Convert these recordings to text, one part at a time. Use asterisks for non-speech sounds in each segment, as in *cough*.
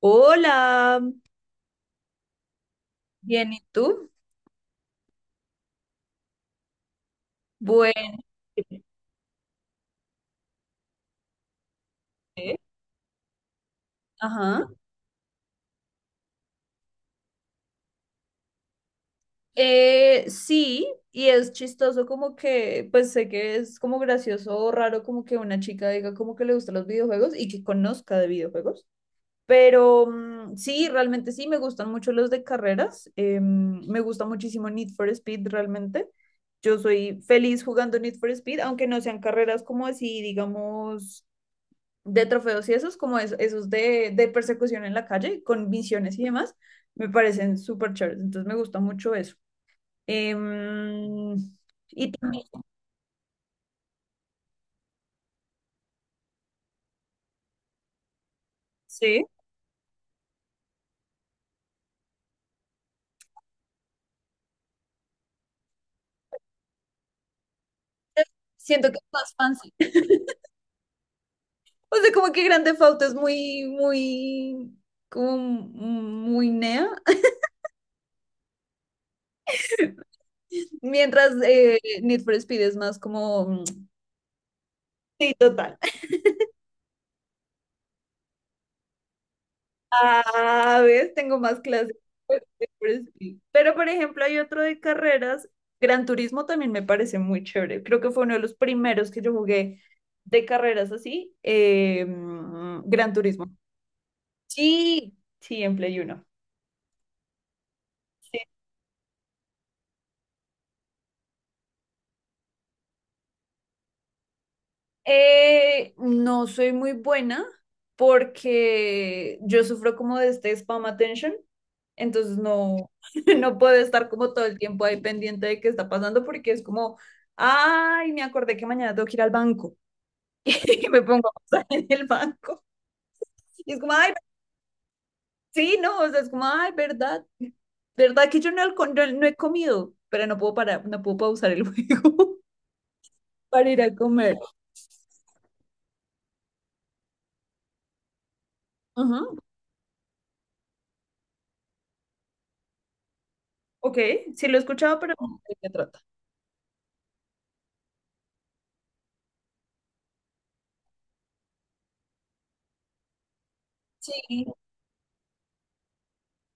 Hola, bien, ¿y tú? Bueno, ¿eh? Ajá. Sí, y es chistoso como que, pues sé que es como gracioso o raro como que una chica diga como que le gustan los videojuegos y que conozca de videojuegos, pero sí, realmente sí, me gustan mucho los de carreras, me gusta muchísimo Need for Speed realmente. Yo soy feliz jugando Need for Speed, aunque no sean carreras como así, digamos de trofeos y esos, como esos de, persecución en la calle, con misiones y demás, me parecen súper chéveres. Entonces me gusta mucho eso. Em, y también, sí, siento que es más fancy. *laughs* O sea, como que Grand Theft Auto es muy, muy, como muy nea. *laughs* Mientras Need for Speed es más como... Sí, total. Ah, ves, tengo más clases de Frisbee. Pero, por ejemplo, hay otro de carreras. Gran Turismo también me parece muy chévere. Creo que fue uno de los primeros que yo jugué de carreras así. Gran Turismo. Sí, sí, en Play Uno. No soy muy buena porque yo sufro como de este spam attention, entonces no, *laughs* no puedo estar como todo el tiempo ahí pendiente de qué está pasando porque es como, ay, me acordé que mañana tengo que ir al banco *laughs* y me pongo a pasar en el banco. Y es como, ay, sí, no, o sea, es como, ay, verdad, verdad que yo no, no, no he comido, pero no puedo parar, no puedo pausar el juego *laughs* para ir a comer. Ujú. Ok, sí lo he escuchado, pero no sé de qué trata.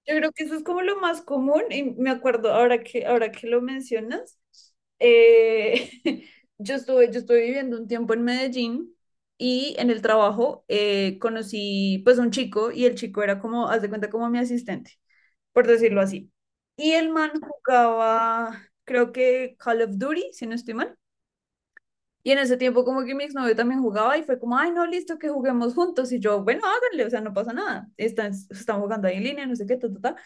Yo creo que eso es como lo más común y me acuerdo ahora que lo mencionas, eh, *laughs* yo estuve viviendo un tiempo en Medellín y en el trabajo conocí pues un chico y el chico era como, haz de cuenta, como mi asistente, por decirlo así. Y el man jugaba, creo que Call of Duty, si no estoy mal. Y en ese tiempo como que mi exnovio también jugaba y fue como, ay, no, listo, que juguemos juntos. Y yo, bueno, háganle, o sea, no pasa nada. Están jugando ahí en línea, no sé qué, ta, ta, ta.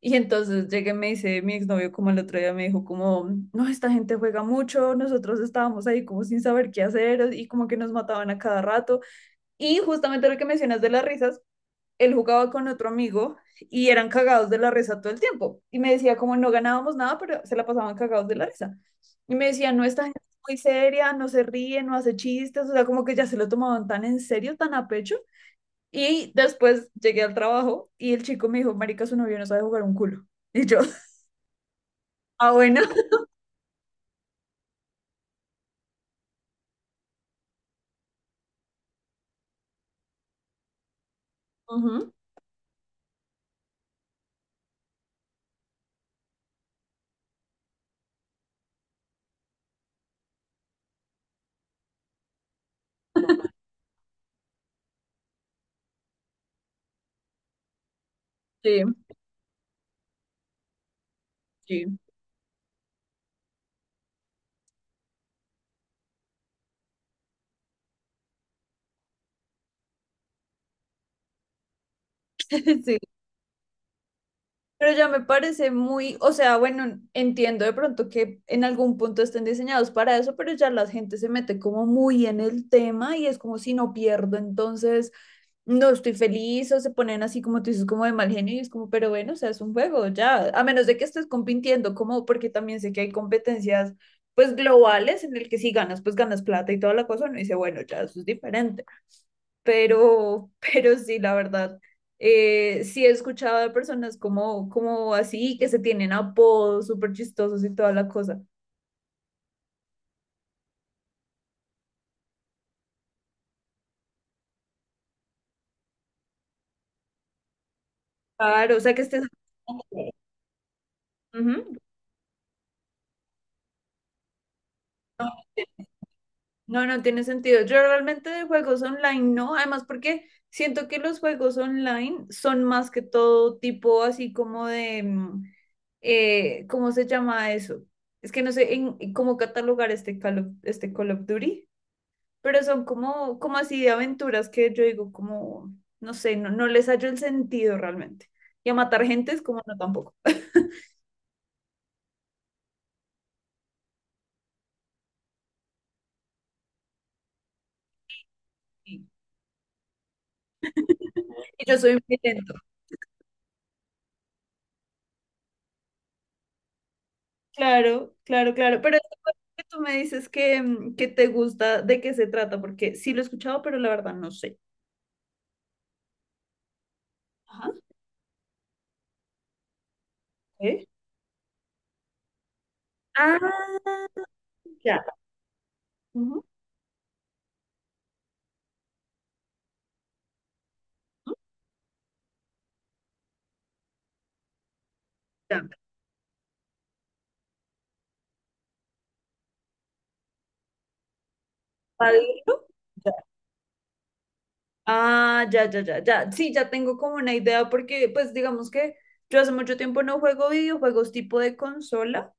Y entonces llegué y me dice mi exnovio como el otro día me dijo como, no, esta gente juega mucho, nosotros estábamos ahí como sin saber qué hacer y como que nos mataban a cada rato. Y justamente lo que mencionas de las risas, él jugaba con otro amigo y eran cagados de la risa todo el tiempo. Y me decía, como no ganábamos nada, pero se la pasaban cagados de la risa. Y me decía, no, esta gente es muy seria, no se ríe, no hace chistes, o sea, como que ya se lo tomaban tan en serio, tan a pecho. Y después llegué al trabajo y el chico me dijo, marica, su novio no sabe jugar un culo. Y yo, *laughs* ah, bueno. Ujú. Sí, sí, *laughs* sí. Pero ya me parece muy, o sea, bueno, entiendo de pronto que en algún punto estén diseñados para eso, pero ya la gente se mete como muy en el tema y es como si no pierdo, entonces no estoy feliz o se ponen así como tú dices, como de mal genio y es como, pero bueno, o sea, es un juego, ya, a menos de que estés compitiendo, como porque también sé que hay competencias pues globales en el que si ganas, pues ganas plata y toda la cosa, uno dice, bueno, ya, eso es diferente pero, *laughs* pero sí, la verdad, sí he escuchado de personas como, como así, que se tienen apodos súper chistosos y toda la cosa. Claro, o sea que estés... Ujú. No, no tiene sentido. Yo realmente de juegos online no, además porque siento que los juegos online son más que todo tipo así como de, ¿cómo se llama eso? Es que no sé en cómo catalogar este Call of Duty. Pero son como, como así de aventuras que yo digo, como, no sé, no, no les hallo el sentido realmente. Y a matar gente es como, no, tampoco. *laughs* Y y yo soy muy lento. Claro, claro, claro. Pero esto que tú me dices que, que te gusta, ¿de qué se trata? Porque sí lo he escuchado, pero la verdad no sé. Ajá. ¿Eh? Ah, ya. Ujú, ya. Padrino, ah, ya, ya, ya, ya. Sí, ya tengo como una idea porque, pues, digamos que yo hace mucho tiempo no juego videojuegos tipo de consola,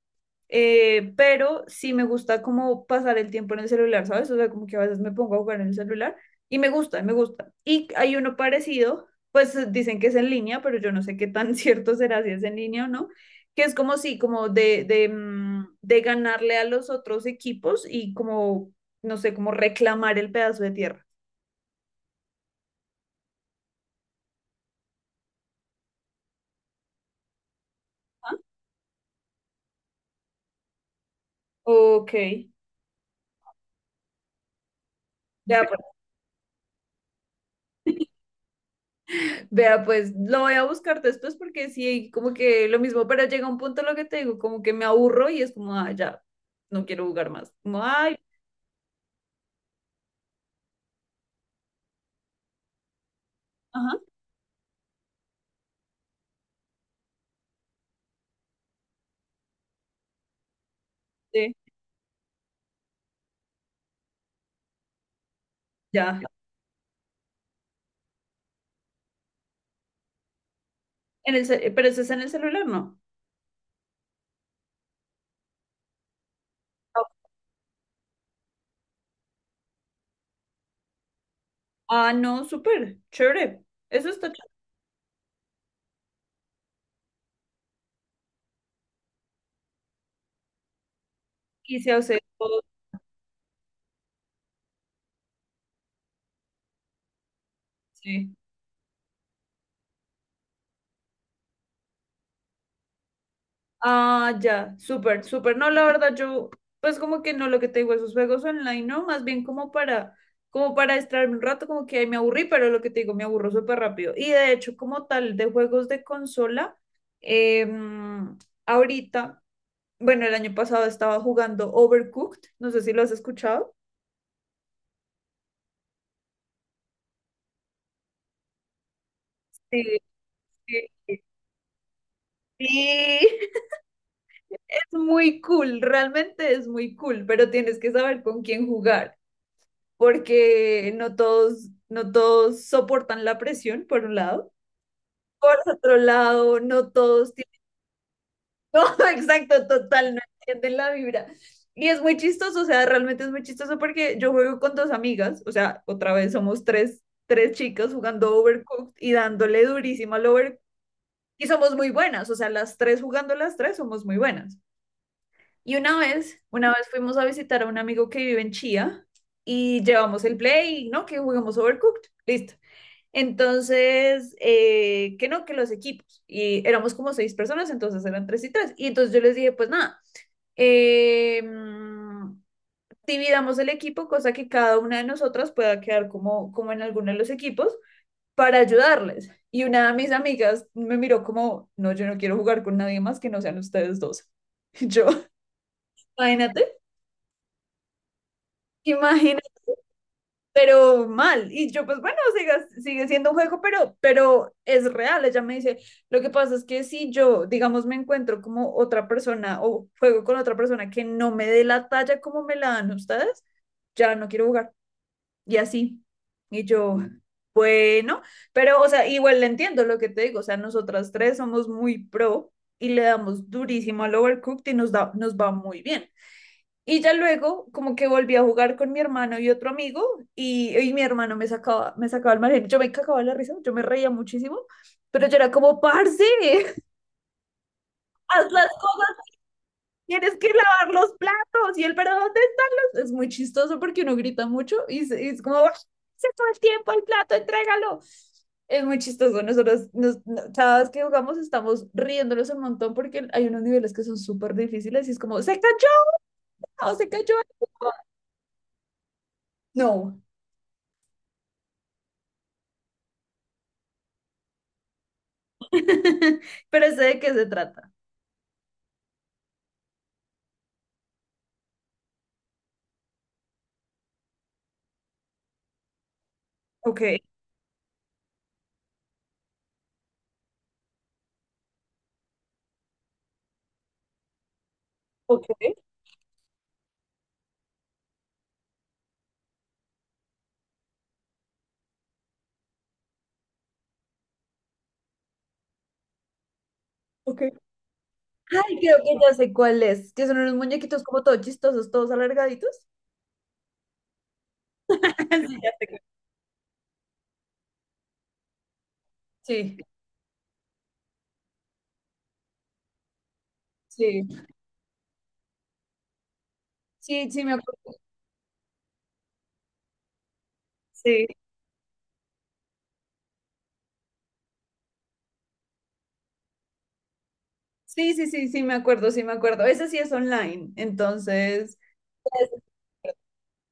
pero sí me gusta como pasar el tiempo en el celular, ¿sabes? O sea, como que a veces me pongo a jugar en el celular y me gusta, me gusta. Y hay uno parecido, pues dicen que es en línea, pero yo no sé qué tan *laughs* cierto será si es en línea o no, que es como sí, como de, de ganarle a los otros equipos y como, no sé, como reclamar el pedazo de tierra. Ah, ok. Vea pues, *laughs* vea pues, lo voy a buscar después porque sí, como que lo mismo, pero llega un punto lo que te digo, como que me aburro y es como, ah, ya, no quiero jugar más. Como, ay, ajá, sí, ya. Pero eso es en el celular, ¿no? Ah, no, súper, chévere. Eso está chévere. Y se hace todo, sí. Ah, ya, súper, súper. No, la verdad, yo, pues como que no lo que te digo, esos juegos online, no, más bien como para, como para distraerme un rato, como que ahí me aburrí, pero lo que te digo, me aburro súper rápido. Y de hecho, como tal, de juegos de consola, em, ahorita, bueno, el año pasado estaba jugando Overcooked, no sé si lo has escuchado. Sí, sí, sí. Sí, *laughs* es muy cool, realmente es muy cool, pero tienes que saber con quién jugar. Porque no todos, no todos soportan la presión, por un lado. Por otro lado, no todos tienen, *laughs* no, exacto, total, no entienden la vibra. Y es muy chistoso, o sea, realmente es muy chistoso porque yo juego con dos amigas, o sea, otra vez somos tres, tres chicas jugando Overcooked y dándole durísimo al Overcooked. Y somos muy buenas, o sea, las tres jugando las tres somos muy buenas. Y una vez fuimos a visitar a un amigo que vive en Chía y llevamos el play, ¿no? Que jugamos Overcooked. Listo. Entonces, que no, que los equipos. Y éramos como seis personas, entonces eran tres y tres. Y entonces yo les dije, pues nada, eh, mm, dividamos el equipo, cosa que cada una de nosotras pueda quedar como, como en alguno de los equipos para ayudarles. Y una de mis amigas me miró como, no, yo no quiero jugar con nadie más que no sean ustedes dos. *laughs* Y yo, imagínate, imagínate pero mal. Y yo, pues bueno, sigue siendo un juego, pero es real. Ella me dice, lo que pasa es que si yo, digamos, me encuentro como otra persona o juego con otra persona que no me dé la talla como me la dan ustedes, ya no quiero jugar. Y así. Y yo, bueno, pero, o sea, igual le entiendo lo que te digo. O sea, nosotras tres somos muy pro y le damos durísimo al overcooked y nos, da, nos va muy bien. Y ya luego, como que volví a jugar con mi hermano y otro amigo, y mi hermano me sacaba el margen. Yo me cagaba la risa, yo me reía muchísimo, pero yo era como, parce, *laughs* hazlas, tienes que lavar los platos, y él, pero ¿dónde están los? Es muy chistoso porque uno grita mucho y, y es como, "Ah, se todo el tiempo el plato, entrégalo. Es muy chistoso. Nosotros, nos, no- Cada vez que jugamos, estamos riéndonos un montón porque hay unos niveles que son súper difíciles y es como, se cayó, o se cayó algo". No, *laughs* pero sé de qué se trata. Ok, ok, ok. Ay, creo que ya sé cuál es, que son unos muñequitos como todos chistosos, todos alargaditos. *laughs* Sí, ya sé que- sí, sí, sí, sí, me acuerdo. Sí, sí, sí, sí, sí, me acuerdo, sí, me acuerdo. Ese sí es online, entonces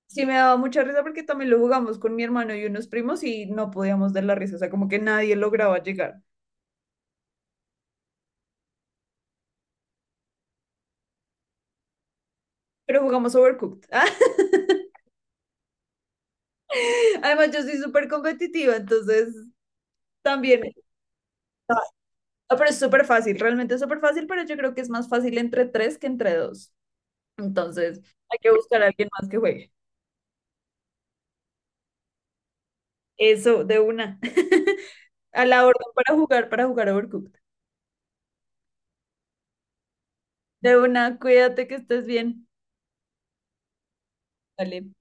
sí me daba mucha risa porque también lo jugamos con mi hermano y unos primos y no podíamos dar la risa, o sea, como que nadie lograba llegar, pero jugamos Overcooked. *laughs* Además, yo soy súper competitiva, entonces también. Ah, pero es súper fácil, realmente es súper fácil, pero yo creo que es más fácil entre tres que entre dos. Entonces, hay que buscar a alguien más que juegue. Eso, de una. *laughs* A la orden para jugar Overcooked. De una, cuídate que estés bien. Dale.